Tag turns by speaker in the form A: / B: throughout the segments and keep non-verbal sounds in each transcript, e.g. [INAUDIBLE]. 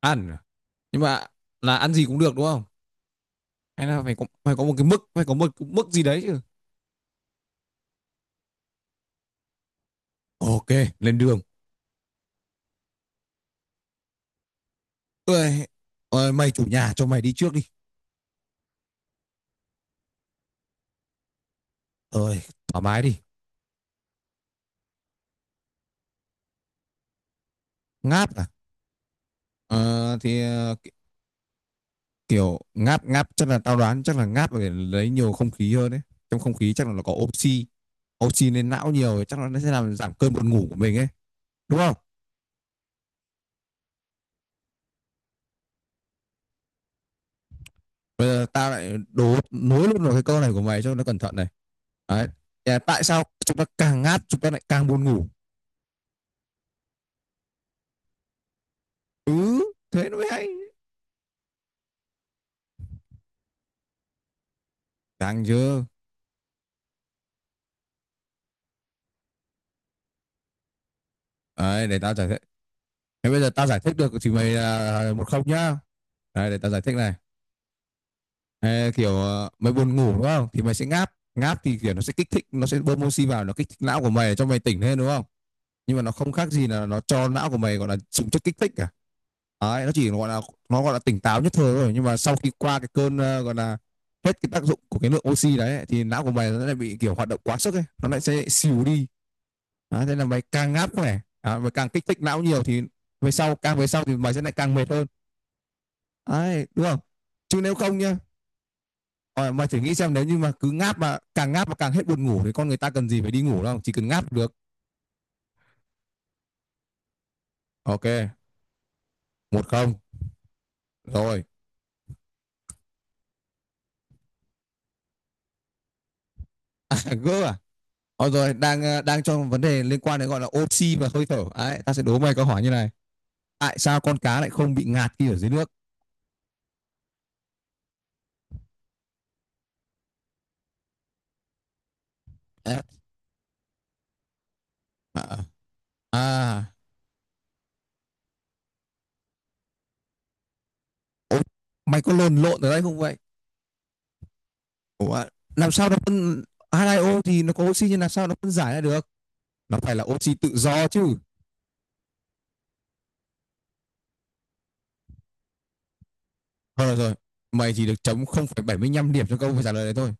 A: Ăn à? Nhưng mà là ăn gì cũng được đúng không? Hay là phải có một cái mức, phải có một cái mức gì đấy chứ. Ok, lên đường. Ơi, ơi mày chủ nhà cho mày đi trước đi. Ơi, thoải mái đi. Ngáp à? Ờ, thì ờ, ki- Kiểu ngáp ngáp chắc là tao đoán chắc là ngáp là để lấy nhiều không khí hơn đấy. Trong không khí chắc là nó có oxy, oxy lên não nhiều thì chắc là nó sẽ làm giảm cơn buồn ngủ của mình ấy, đúng không? Bây giờ tao lại đố nối luôn vào cái câu này của mày cho nó cẩn thận này. Đấy, tại sao chúng ta càng ngáp chúng ta lại càng buồn ngủ? Ừ, thế nó mới hay. Đang chưa. Đấy, để tao giải thích. Thế bây giờ tao giải thích được thì mày một không nhá. Đấy, để tao giải thích này. Ê, kiểu mày buồn ngủ đúng không, thì mày sẽ ngáp, ngáp thì kiểu nó sẽ kích thích, nó sẽ bơm oxy vào, nó kích thích não của mày để cho mày tỉnh lên, đúng không? Nhưng mà nó không khác gì là nó cho não của mày gọi là dùng chất kích thích cả. Đấy, nó chỉ gọi là, nó gọi là tỉnh táo nhất thời thôi, nhưng mà sau khi qua cái cơn gọi là hết cái tác dụng của cái lượng oxy đấy ấy, thì não của mày nó lại bị kiểu hoạt động quá sức ấy, nó lại sẽ xỉu đi. Đó, thế là mày càng ngáp khỏe à, mày càng kích thích não nhiều thì về sau, càng về sau thì mày sẽ lại càng mệt hơn, đấy đúng không? Chứ nếu không nhá, Ờ, mày thử nghĩ xem nếu như mà cứ ngáp mà càng hết buồn ngủ thì con người ta cần gì phải đi ngủ đâu, chỉ cần ngáp được. Ok, một không, rồi. [LAUGHS] Gỡ à? Rồi đang đang trong vấn đề liên quan đến gọi là oxy và hơi thở đấy, ta sẽ đố mày câu hỏi như này. Tại sao con cá lại không bị ngạt khi ở dưới nước? À, à, mày có lồn lộn ở đây không vậy? Ủa, làm sao nó phân, H2O thì nó có oxy nhưng làm sao nó phân giải ra được? Nó phải là oxy tự do chứ. Thôi được rồi, mày chỉ được chấm 0.75 điểm cho câu phải trả lời đấy thôi.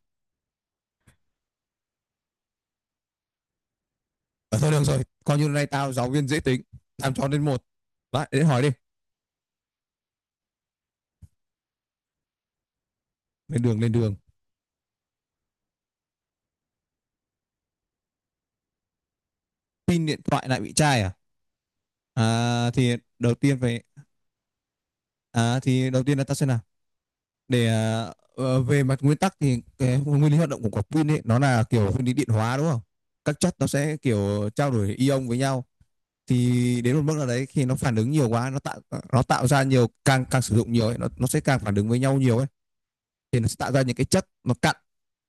A: Ờ, thôi được rồi, coi như này tao giáo viên dễ tính, làm cho đến một. Lại, đến hỏi đi. Lên đường, lên đường. Pin điện thoại lại bị chai à? À, thì đầu tiên phải... À, thì đầu tiên là tao sẽ làm. Để về mặt nguyên tắc thì cái nguyên lý hoạt động của quả pin ấy, nó là kiểu nguyên lý điện hóa đúng không? Các chất nó sẽ kiểu trao đổi ion với nhau, thì đến một mức nào đấy khi nó phản ứng nhiều quá nó tạo, nó tạo ra nhiều, càng càng sử dụng nhiều ấy, nó sẽ càng phản ứng với nhau nhiều ấy, thì nó sẽ tạo ra những cái chất nó cặn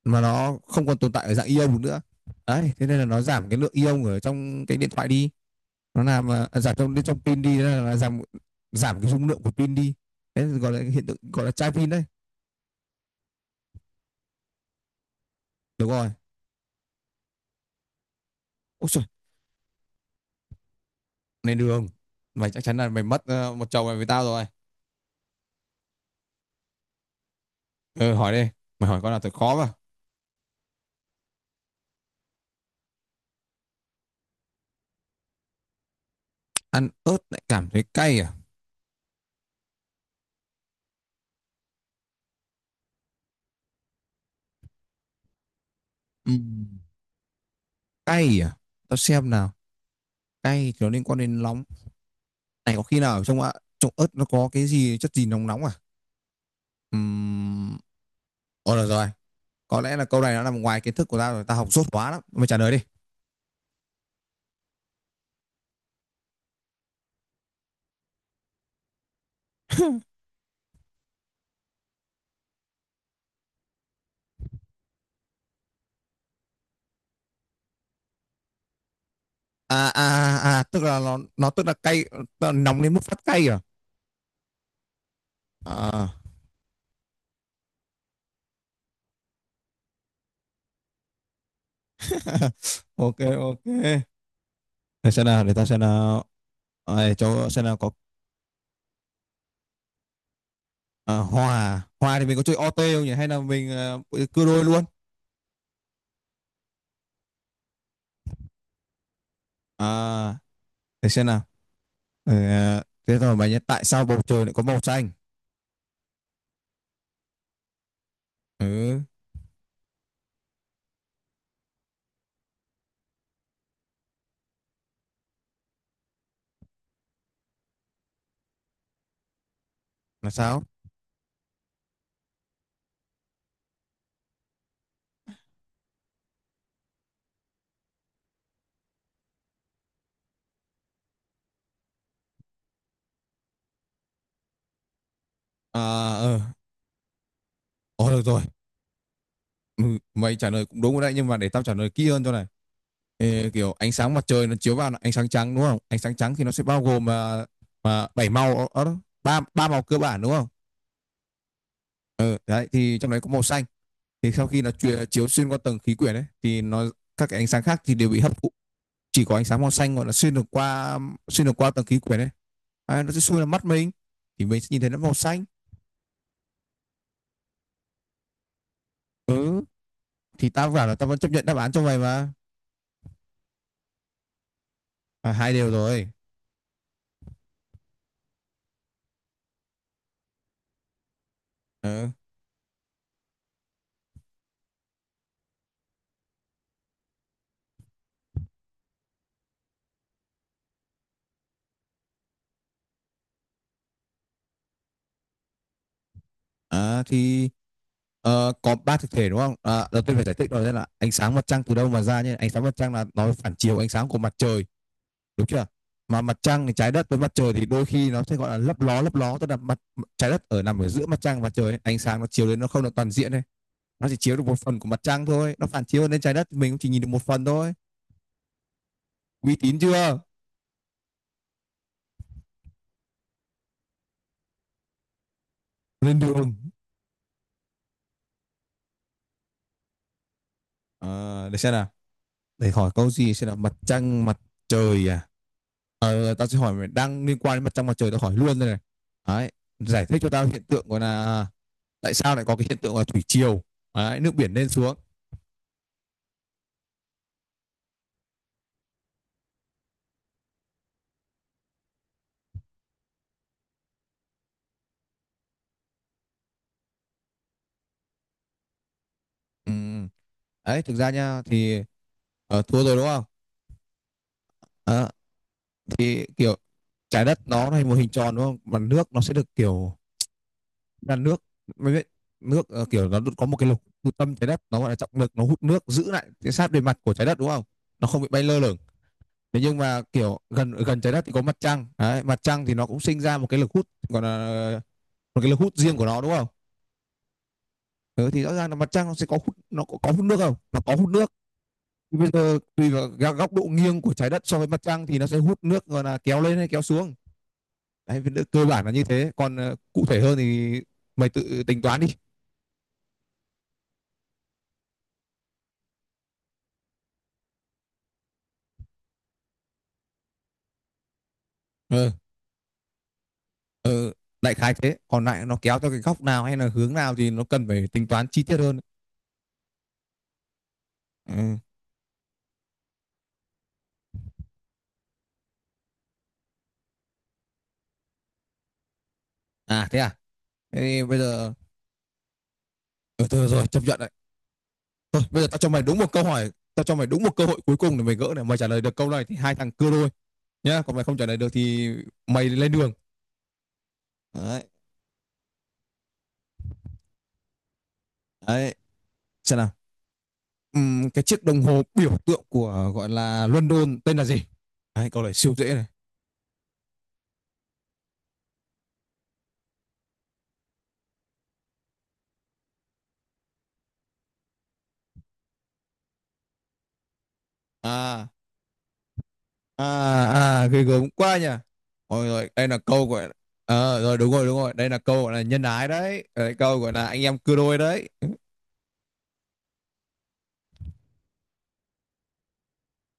A: mà nó không còn tồn tại ở dạng ion nữa. Đấy thế nên là nó giảm cái lượng ion ở trong cái điện thoại đi, nó làm giảm trong bên trong pin đi nên là giảm, giảm cái dung lượng của pin đi. Đấy gọi là hiện tượng gọi là chai pin đấy. Đúng rồi. Ôi trời, này đường, mày chắc chắn là mày mất một chồng này với tao rồi. Ừ, hỏi đi. Mày hỏi con nào thật khó mà. Ăn ớt lại cảm thấy cay à? Ừm, cay à? Tao xem nào. Cay thì nó liên quan đến nóng, này có khi nào ở trong ạ, trong ớt nó có cái gì chất gì nóng nóng à? Ừm, Ồ được rồi, có lẽ là câu này nó nằm ngoài kiến thức của tao rồi, tao học dốt quá, lắm mày trả lời đi. À à, à à, tức là nó tức là cay, nóng đến mức phát cay à? À. [LAUGHS] Ok, ok, để tao xem nào. À, để cho xem nào, có à, hòa, hòa thì mình có chơi OT không nhỉ hay là mình cưa đôi luôn? À, để xem nào. Ừ, à, thế rồi mà nhớ, tại sao bầu trời lại có màu xanh? Ừ, là sao? À, ờ, ờ, được rồi. Ừ, mày trả lời cũng đúng rồi đấy, nhưng mà để tao trả lời kỹ hơn cho này. Ê, kiểu ánh sáng mặt trời nó chiếu vào là ánh sáng trắng đúng không? Ánh sáng trắng thì nó sẽ bao gồm mà 7 màu, đó, ba ba màu cơ bản đúng không? Ừ, đấy thì trong đấy có màu xanh. Thì sau khi nó chiếu xuyên qua tầng khí quyển ấy thì nó, các cái ánh sáng khác thì đều bị hấp thụ. Chỉ có ánh sáng màu xanh gọi là xuyên được qua, xuyên được qua tầng khí quyển ấy. À, nó sẽ xuyên vào mắt mình thì mình sẽ nhìn thấy nó màu xanh. Ừ, thì tao bảo là tao vẫn chấp nhận đáp án cho mày mà. À, hai đều rồi. Ờ. À, thì có ba thực thể đúng không, à, đầu tiên phải giải thích rồi đấy là ánh sáng mặt trăng từ đâu mà ra nhé, ánh sáng mặt trăng là nó phản chiếu ánh sáng của mặt trời, đúng chưa? Mà mặt trăng thì trái đất với mặt trời thì đôi khi nó sẽ gọi là lấp ló tức là mặt, trái đất ở nằm ở giữa mặt trăng và trời, ánh sáng nó chiếu đến nó không được toàn diện này, nó chỉ chiếu được một phần của mặt trăng thôi, nó phản chiếu lên trái đất mình cũng chỉ nhìn được một phần thôi. Uy tín chưa? Lên đường. À, để xem nào, để hỏi câu gì xem là mặt trăng, mặt trời à. Ờ, tao sẽ hỏi mày đang liên quan đến mặt trăng mặt trời, tao hỏi luôn đây này. Đấy, giải thích cho tao hiện tượng gọi là tại sao lại có cái hiện tượng là thủy triều. Đấy, nước biển lên xuống. Ừ. Đấy, thực ra nha thì thua rồi đúng không? Ờ, thì kiểu trái đất nó là một hình tròn đúng không? Mà nước nó sẽ được kiểu là nước, mày biết, nước kiểu nó có một cái lục trung tâm trái đất nó gọi là trọng lực, nó hút nước giữ lại cái sát bề mặt của trái đất đúng không? Nó không bị bay lơ lửng. Thế nhưng mà kiểu gần gần trái đất thì có mặt trăng đấy, mặt trăng thì nó cũng sinh ra một cái lực hút, còn là một cái lực hút riêng của nó đúng không? Ừ, thì rõ ràng là mặt trăng nó sẽ có hút, nó có hút nước không, nó có hút nước. Bây giờ tùy vào góc độ nghiêng của trái đất so với mặt trăng thì nó sẽ hút nước rồi là kéo lên hay kéo xuống. Đấy vì cơ bản là như thế, còn cụ thể hơn thì mày tự tính toán đi. ừ, ừ, Đại khái thế, còn lại nó kéo theo cái góc nào hay là hướng nào thì nó cần phải tính toán chi tiết hơn. Ừ. À thế à, thế thì bây giờ, ừ, thôi rồi, chấp nhận đấy. Thôi, bây giờ tao cho mày đúng một câu hỏi, tao cho mày đúng một cơ hội cuối cùng để mày gỡ này. Mày trả lời được câu này thì hai thằng cưa đôi nhá, còn mày không trả lời được thì mày lên đường. Đấy, đấy, xem nào. Cái chiếc đồng hồ biểu tượng của gọi là London tên là gì? Đấy, câu này siêu dễ này. À, à, à, ghê gớm quá nhỉ. Rồi rồi, đây là câu gọi, ờ, rồi đúng rồi đúng rồi đây là câu gọi là nhân ái đấy, ờ, câu gọi là anh em cưa đôi đấy.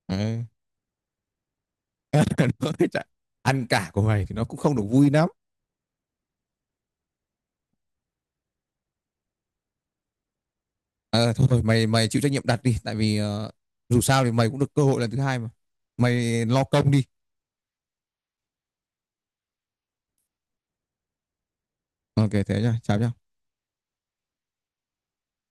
A: Ừ. [LAUGHS] Ăn cả của mày thì nó cũng không được vui lắm. À, thôi mày mày chịu trách nhiệm đặt đi, tại vì dù sao thì mày cũng được cơ hội lần thứ 2 mà, mày lo công đi. Ok thế nhá, chào nhá.